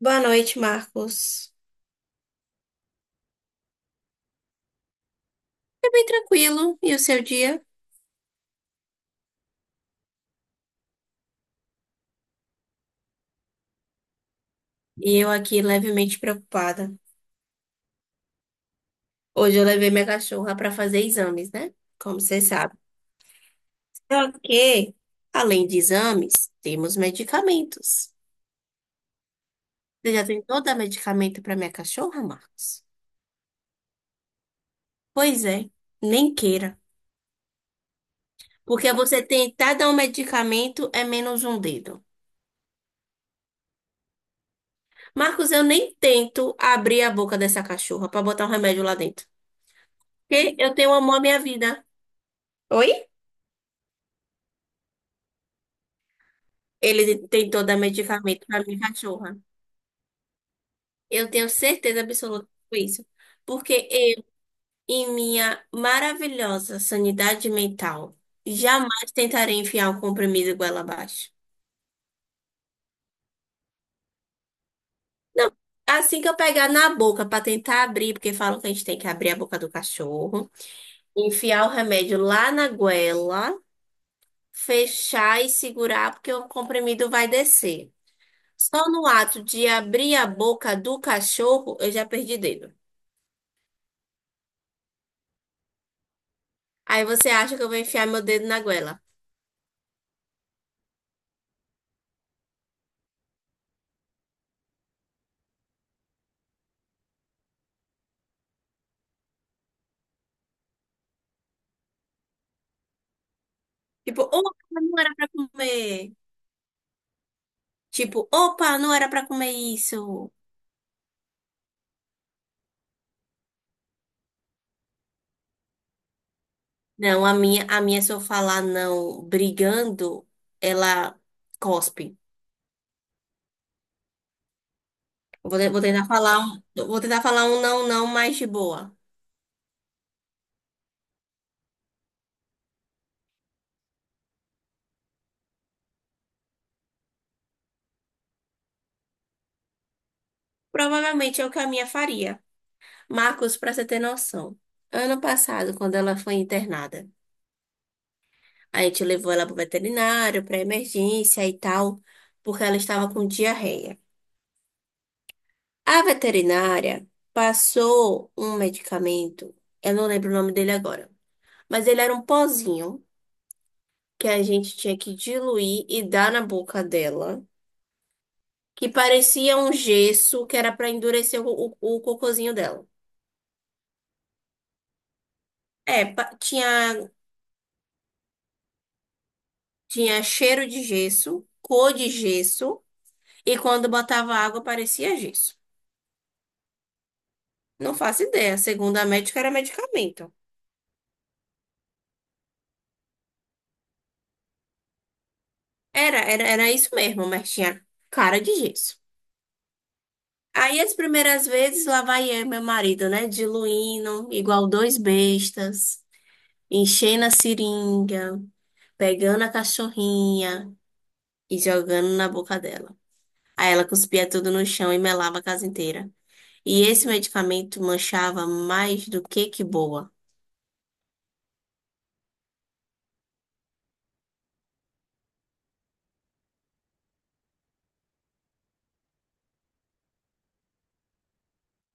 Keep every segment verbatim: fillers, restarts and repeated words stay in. Boa noite, Marcos. Foi bem tranquilo, e o seu dia? E eu aqui levemente preocupada. Hoje eu levei minha cachorra para fazer exames, né? Como você sabe. Só que, além de exames, temos medicamentos. Você já tentou dar medicamento para minha cachorra, Marcos? Pois é, nem queira. Porque você tentar dar um medicamento é menos um dedo. Marcos, eu nem tento abrir a boca dessa cachorra para botar um remédio lá dentro. Porque eu tenho amor à minha vida. Oi? Ele tentou dar medicamento para minha cachorra. Eu tenho certeza absoluta disso. Porque eu, em minha maravilhosa sanidade mental, jamais tentarei enfiar um comprimido goela abaixo. Não, assim que eu pegar na boca para tentar abrir, porque falam que a gente tem que abrir a boca do cachorro, enfiar o remédio lá na goela, fechar e segurar, porque o comprimido vai descer. Só no ato de abrir a boca do cachorro, eu já perdi dedo. Aí você acha que eu vou enfiar meu dedo na goela. Tipo, opa, não era pra comer. Tipo, opa, não era pra comer isso. Não, a minha, a minha, se eu falar não brigando, ela cospe. Eu Vou, te- vou tentar falar um, eu vou tentar falar um não, não mais de boa. Provavelmente é o que a minha faria. Marcos, pra você ter noção, ano passado, quando ela foi internada, a gente levou ela pro veterinário, pra emergência e tal, porque ela estava com diarreia. A veterinária passou um medicamento, eu não lembro o nome dele agora, mas ele era um pozinho que a gente tinha que diluir e dar na boca dela, que parecia um gesso que era para endurecer o, o, o cocôzinho dela. É, pa- tinha, tinha cheiro de gesso, cor de gesso, e quando botava água parecia gesso. Não faço ideia, segundo a médica era medicamento. Era, era, era isso mesmo, mas tinha cara de gesso. Aí as primeiras vezes lá vai eu, e meu marido, né? Diluindo, igual dois bestas, enchendo a seringa, pegando a cachorrinha e jogando na boca dela. Aí ela cuspia tudo no chão e melava a casa inteira. E esse medicamento manchava mais do que que boa.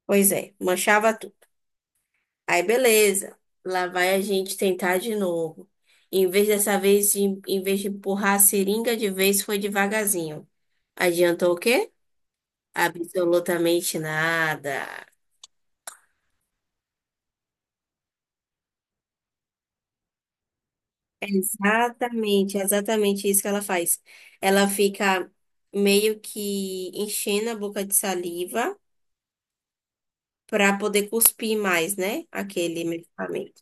Pois é, manchava tudo. Aí beleza, lá vai a gente tentar de novo. Em vez dessa vez, de- em vez de empurrar a seringa de vez, foi devagarzinho. Adiantou o quê? Absolutamente nada. É Exatamente, é exatamente isso que ela faz. Ela fica meio que enchendo a boca de saliva para poder cuspir mais, né? Aquele medicamento.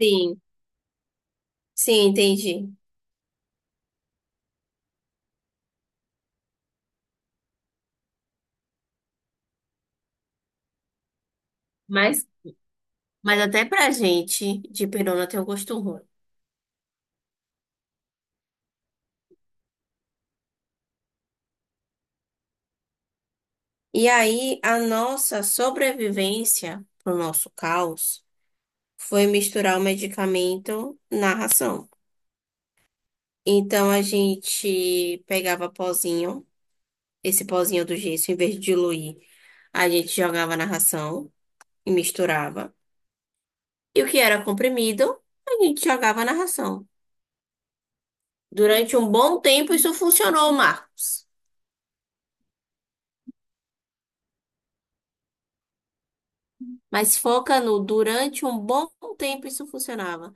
Sim, sim, entendi. Mas, mas até pra gente de perona tem um gosto ruim. E aí, a nossa sobrevivência, pro nosso caos, foi misturar o medicamento na ração. Então a gente pegava pozinho, esse pozinho do gesso, em vez de diluir, a gente jogava na ração e misturava. E o que era comprimido, a gente jogava na ração. Durante um bom tempo isso funcionou, Marcos. Mas foca no durante um bom tempo isso funcionava.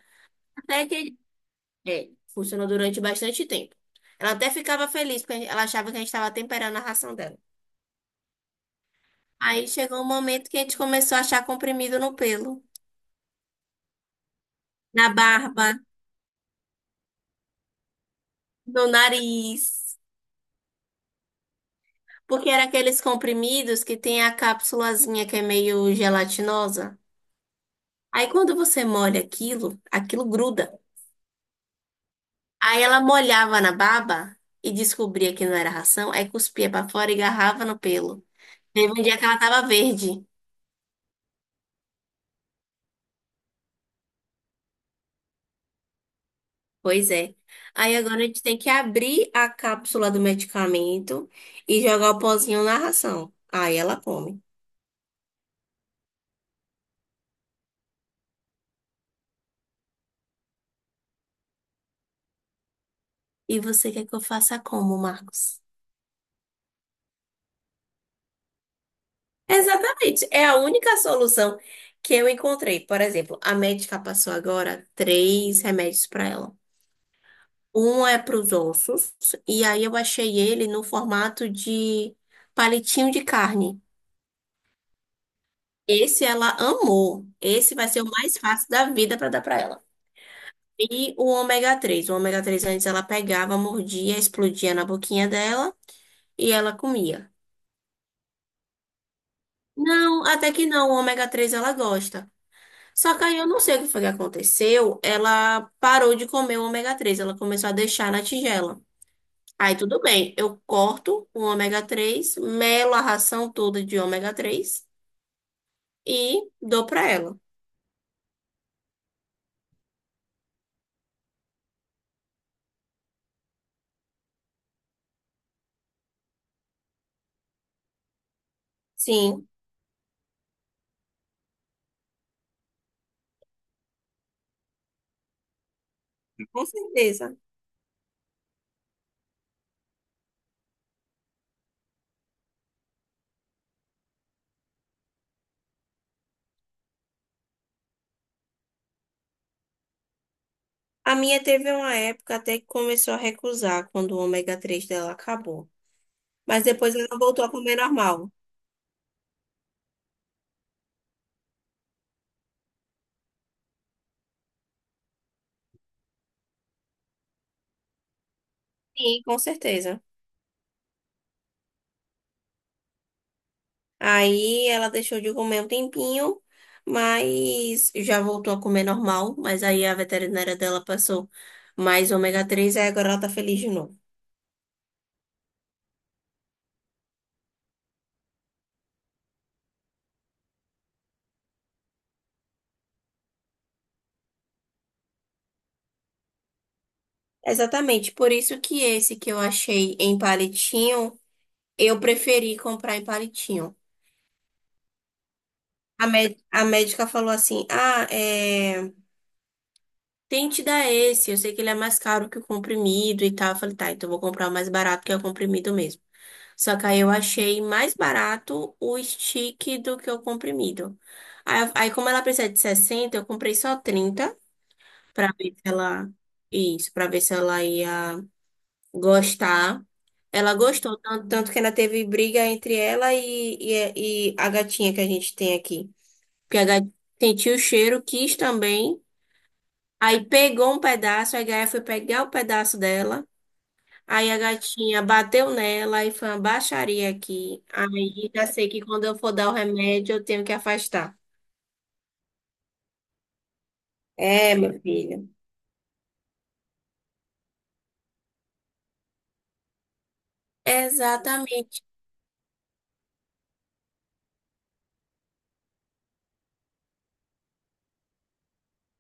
Até que é, funcionou durante bastante tempo. Ela até ficava feliz porque ela achava que a gente estava temperando a ração dela. Aí chegou um momento que a gente começou a achar comprimido no pelo, na barba, no nariz. Porque era aqueles comprimidos que tem a cápsulazinha que é meio gelatinosa. Aí quando você molha aquilo, aquilo gruda. Aí ela molhava na baba e descobria que não era ração, aí cuspia pra fora e agarrava no pelo. Teve um dia que ela tava verde. Pois é. Aí agora a gente tem que abrir a cápsula do medicamento e jogar o pozinho na ração. Aí ela come. E você quer que eu faça como, Marcos? Exatamente. É a única solução que eu encontrei. Por exemplo, a médica passou agora três remédios para ela. Um é para os ossos, e aí eu achei ele no formato de palitinho de carne. Esse ela amou. Esse vai ser o mais fácil da vida para dar para ela. E o ômega três. O ômega três antes ela pegava, mordia, explodia na boquinha dela e ela comia. Não, até que não. O ômega três ela gosta. Só que aí eu não sei o que foi que aconteceu. Ela parou de comer o ômega três, ela começou a deixar na tigela. Aí tudo bem, eu corto o ômega três, melo a ração toda de ômega três e dou pra ela. Sim, com certeza. A minha teve uma época até que começou a recusar quando o ômega três dela acabou. Mas depois ela voltou a comer normal. Sim, com certeza. Aí ela deixou de comer um tempinho, mas já voltou a comer normal. Mas aí a veterinária dela passou mais ômega três aí agora ela tá feliz de novo. Exatamente, por isso que esse que eu achei em palitinho, eu preferi comprar em palitinho. A, mé- a médica falou assim: ah, é, tente dar esse, eu sei que ele é mais caro que o comprimido e tal. Eu falei: tá, então eu vou comprar o mais barato que é o comprimido mesmo. Só que aí eu achei mais barato o stick do que o comprimido. Aí, aí como ela precisa de sessenta, eu comprei só trinta pra ver se ela isso, para ver se ela ia gostar. Ela gostou tanto, tanto que ainda teve briga entre ela e, e, e a gatinha que a gente tem aqui. Porque a gatinha sentiu o cheiro, quis também. Aí pegou um pedaço, aí a Gaia foi pegar o pedaço dela. Aí a gatinha bateu nela e foi uma baixaria aqui. Aí já sei que quando eu for dar o remédio, eu tenho que afastar. É, meu filho. Exatamente.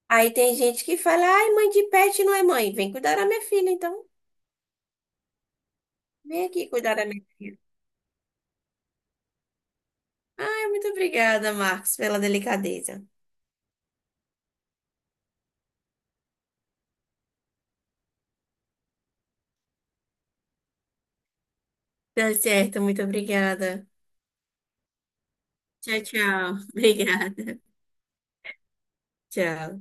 Aí tem gente que fala, ai, mãe de pet não é mãe. Vem cuidar da minha filha, então. Vem aqui cuidar da minha filha. Ai, muito obrigada, Marcos, pela delicadeza. Tá certo, muito obrigada. Tchau, tchau. Obrigada. Tchau.